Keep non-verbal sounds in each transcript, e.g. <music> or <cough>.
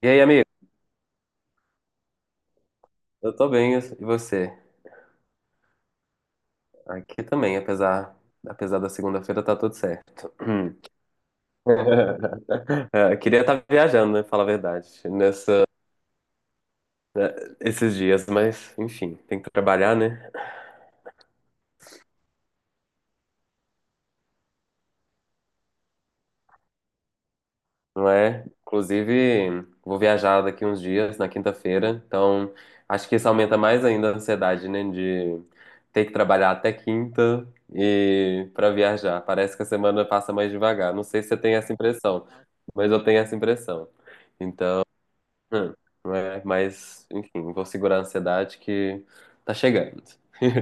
E aí, amigo? Eu tô bem, e você? Aqui também, apesar da segunda-feira, tá tudo certo. <laughs> <clears throat> É, queria estar viajando, né? Falar a verdade, né, esses dias, mas enfim, tem que trabalhar, né? Não é? Inclusive, vou viajar daqui uns dias, na quinta-feira, então acho que isso aumenta mais ainda a ansiedade, né? De ter que trabalhar até quinta e para viajar. Parece que a semana passa mais devagar. Não sei se você tem essa impressão, mas eu tenho essa impressão. Então, hum, não é? Mas, enfim, vou segurar a ansiedade que tá chegando. <laughs>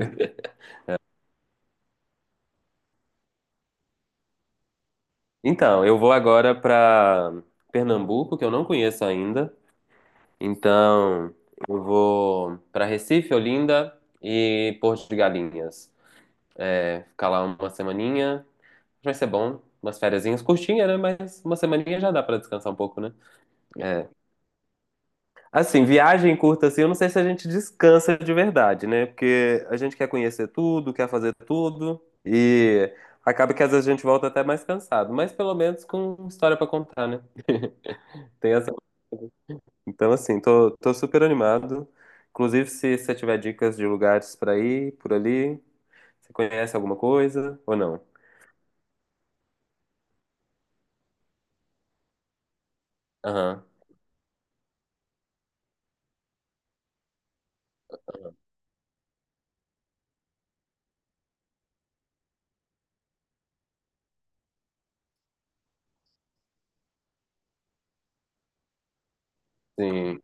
Então, eu vou agora para Pernambuco, que eu não conheço ainda. Então, eu vou para Recife, Olinda e Porto de Galinhas. É, ficar lá uma semaninha, vai ser bom. Umas fériasinhas curtinhas, né? Mas uma semaninha já dá para descansar um pouco, né? É. Assim, viagem curta assim, eu não sei se a gente descansa de verdade, né? Porque a gente quer conhecer tudo, quer fazer tudo e acaba que às vezes a gente volta até mais cansado, mas pelo menos com história para contar, né? <laughs> Tem essa Então, assim, tô super animado. Inclusive, se você tiver dicas de lugares pra ir por ali, você conhece alguma coisa ou não? Aham, sim,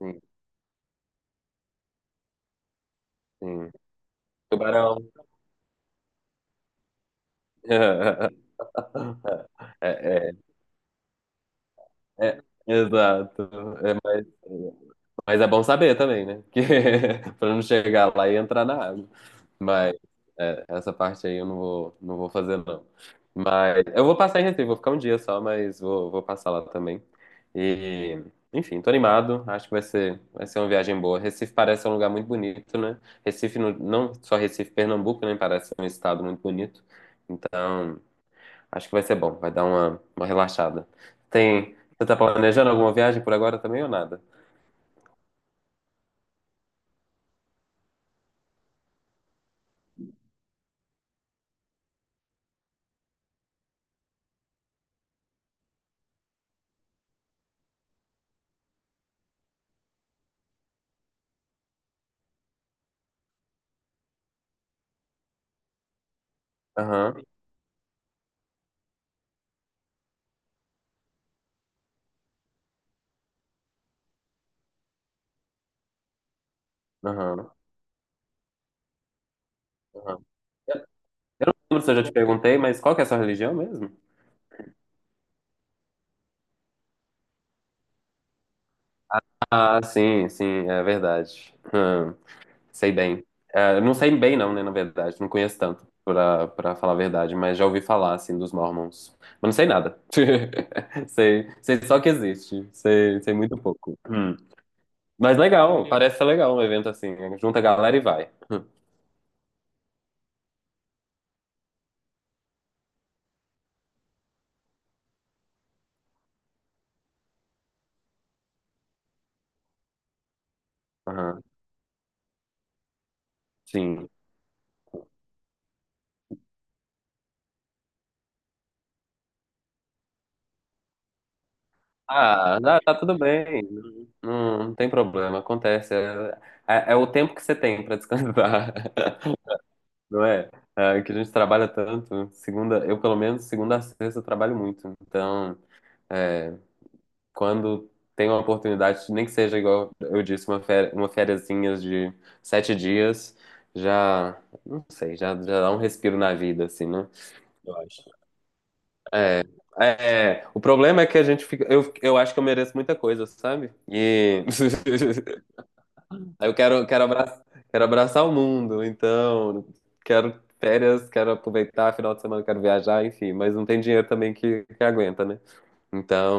sim, sim. Tubarão. <laughs> É, é, é, exato. É, mas é bom saber também, né? Que, <laughs> pra não chegar lá e entrar na água. Mas essa parte aí eu não vou, fazer, não. Mas eu vou passar em Recife, vou ficar um dia só, mas vou passar lá também. E, enfim, tô animado, acho que vai ser uma viagem boa. Recife parece um lugar muito bonito, né? Recife, não só Recife, Pernambuco, né? Parece um estado muito bonito. Então, acho que vai ser bom, vai dar uma relaxada. Tem, você tá planejando alguma viagem por agora também ou nada? Aham, aham, aham. Eu não lembro se eu já te perguntei, mas qual que é a sua religião mesmo? Ah, sim, sim, é verdade. Sei bem. É, não sei bem, não, né, na verdade. Não conheço tanto, pra falar a verdade, mas já ouvi falar, assim, dos Mormons. Mas não sei nada. <laughs> Sei só que existe. Sei muito pouco. Hum. Mas legal, parece ser legal um evento assim, né? Junta a galera e vai. Aham, sim. Ah, tá, tá tudo bem. Não, não tem problema, acontece. É, é- é o tempo que você tem pra descansar. <laughs> Não é? É, que a gente trabalha tanto. Eu pelo menos segunda a sexta eu trabalho muito. Então, é, quando tem uma oportunidade, nem que seja igual eu disse, uma fériazinha de 7 dias, já, não sei, já dá um respiro na vida, assim, né? Eu acho. É, é, o problema é que eu acho que eu mereço muita coisa, sabe? E <laughs> Aí eu quero abraçar o mundo, então quero férias, quero aproveitar, final de semana quero viajar, enfim, mas não tem dinheiro também que aguenta, né? Então,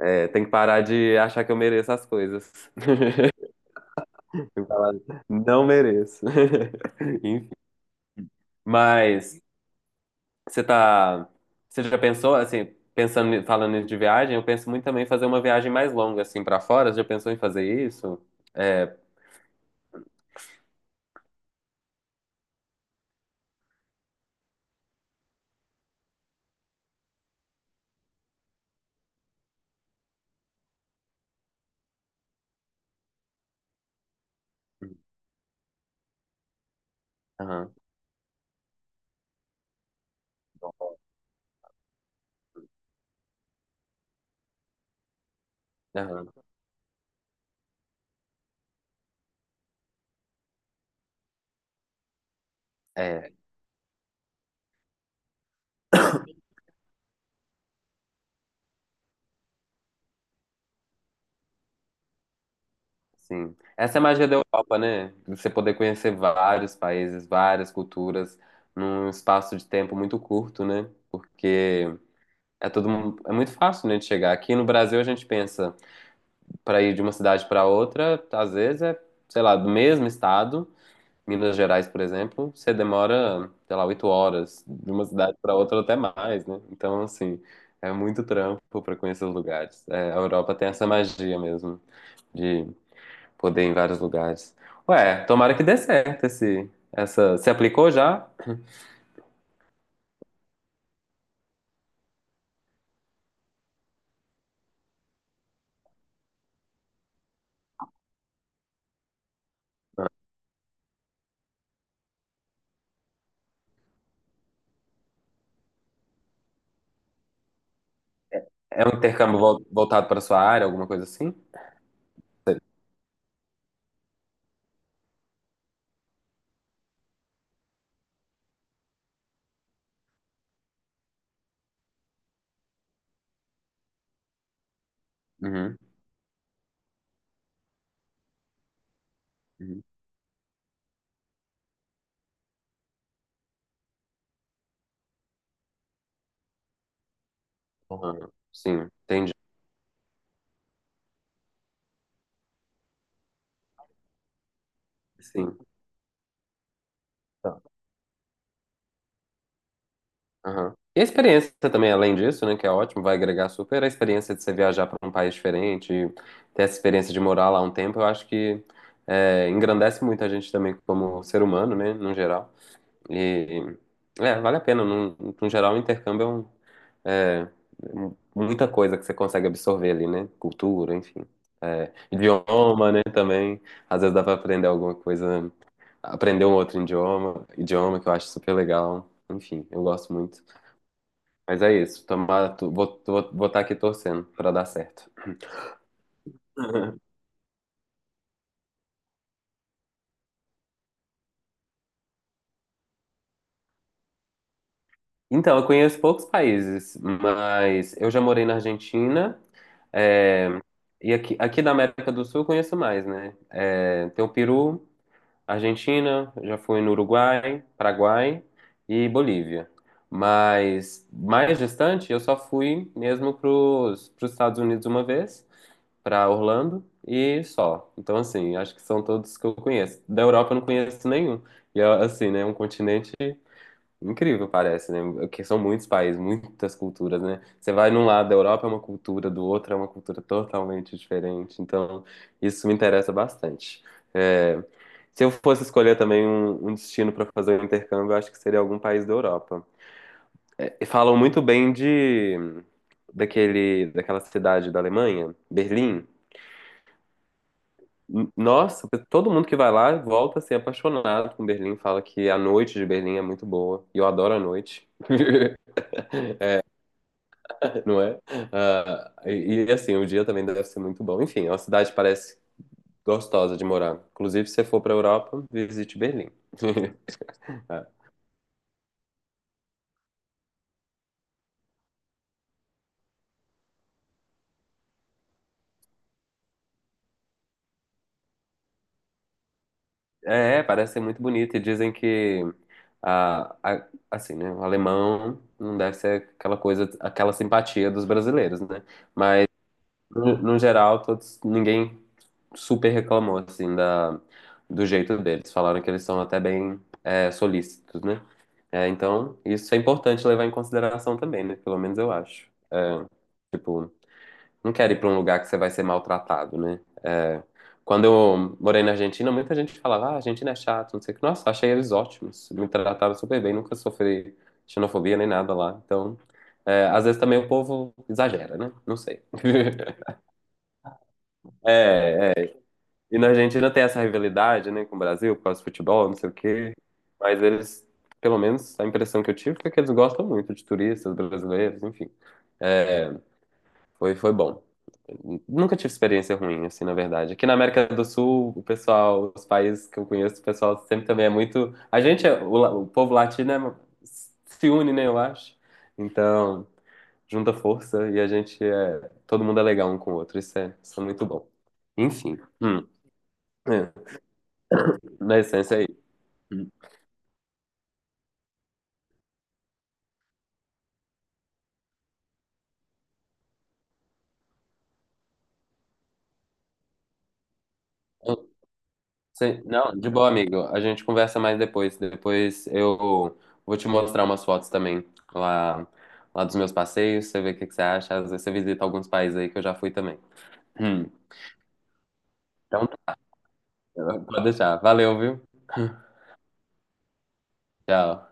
é, tem que parar de achar que eu mereço as coisas. <laughs> Tem que falar, não mereço. <laughs> Enfim, mas você tá, você já pensou assim, pensando, falando nisso de viagem, eu penso muito também em fazer uma viagem mais longa assim para fora, você já pensou em fazer isso? É, aham, aham, é. Sim. Essa é a magia da Europa, né? Você poder conhecer vários países, várias culturas, num espaço de tempo muito curto, né? Porque é muito fácil, né, de chegar. Aqui no Brasil a gente pensa para ir de uma cidade para outra, às vezes é, sei lá, do mesmo estado, Minas Gerais, por exemplo, você demora, sei lá, 8 horas de uma cidade para outra ou até mais, né? Então, assim, é muito trampo para conhecer os lugares. É, a Europa tem essa magia mesmo de poder em vários lugares. Ué, tomara que dê certo essa. Você aplicou já? É um intercâmbio voltado para sua área, alguma coisa assim? Sei. Uhum, uhum. Ah, sim, entendi. Sim. Tá. Aham. E a experiência também, além disso, né, que é ótimo, vai agregar super a experiência de você viajar para um país diferente, e ter essa experiência de morar lá um tempo, eu acho que engrandece muito a gente também como ser humano, né, no geral. E, vale a pena, no geral, o intercâmbio é É, muita coisa que você consegue absorver ali, né? Cultura, enfim. É, idioma, né, também. Às vezes dá pra aprender alguma coisa, aprender um outro idioma, idioma que eu acho super legal. Enfim, eu gosto muito. Mas é isso, tomara, vou estar aqui torcendo pra dar certo. <laughs> Então, eu conheço poucos países, mas eu já morei na Argentina, é, e aqui da América do Sul eu conheço mais, né? É, tem o Peru, Argentina, já fui no Uruguai, Paraguai e Bolívia. Mas mais distante, eu só fui mesmo para os Estados Unidos uma vez, para Orlando e só. Então, assim, acho que são todos que eu conheço. Da Europa eu não conheço nenhum. E, assim, né, é um continente incrível, parece, né? Porque são muitos países, muitas culturas, né? Você vai num lado da Europa é uma cultura, do outro é uma cultura totalmente diferente. Então, isso me interessa bastante. É, se eu fosse escolher também um destino para fazer um intercâmbio, eu acho que seria algum país da Europa. É, falam muito bem daquela cidade da Alemanha, Berlim. Nossa, todo mundo que vai lá volta a ser apaixonado com Berlim, fala que a noite de Berlim é muito boa. E eu adoro a noite. <laughs> Não é? Ah, e, assim, o dia também deve ser muito bom. Enfim, é uma cidade que parece gostosa de morar. Inclusive, se você for para a Europa, visite Berlim. <laughs> É, parece ser muito bonito e dizem que assim, né, o alemão não deve ser aquela coisa, aquela simpatia dos brasileiros, né? Mas no geral, todos, ninguém super reclamou, assim, do jeito deles. Falaram que eles são até bem solícitos, né? É, então, isso é importante levar em consideração também, né? Pelo menos eu acho. Tipo, não quero ir pra um lugar que você vai ser maltratado, né? É, quando eu morei na Argentina, muita gente falava, ah, a Argentina é chato, não sei o que. Nossa, achei eles ótimos. Me trataram super bem, nunca sofri xenofobia nem nada lá. Então, é, às vezes também o povo exagera, né? Não sei. <laughs> É, e na Argentina tem essa rivalidade, né, com o Brasil, por causa do futebol, não sei o quê. Mas eles, pelo menos a impressão que eu tive foi que eles gostam muito de turistas brasileiros, enfim. É, foi bom. Nunca tive experiência ruim, assim, na verdade. Aqui na América do Sul, o pessoal, os países que eu conheço, o pessoal sempre também é muito. O o povo latino se une, né, eu acho. Então, junta força e a gente é. Todo mundo é legal um com o outro. Isso é muito bom. Enfim. É, na essência é. Hum. Eu Não, de boa, amigo. A gente conversa mais depois. Depois eu vou te mostrar umas fotos também lá, lá dos meus passeios. Você vê o que que você acha. Às vezes você visita alguns países aí que eu já fui também. Hum. Então, pode deixar. Valeu, viu? <laughs> Tchau.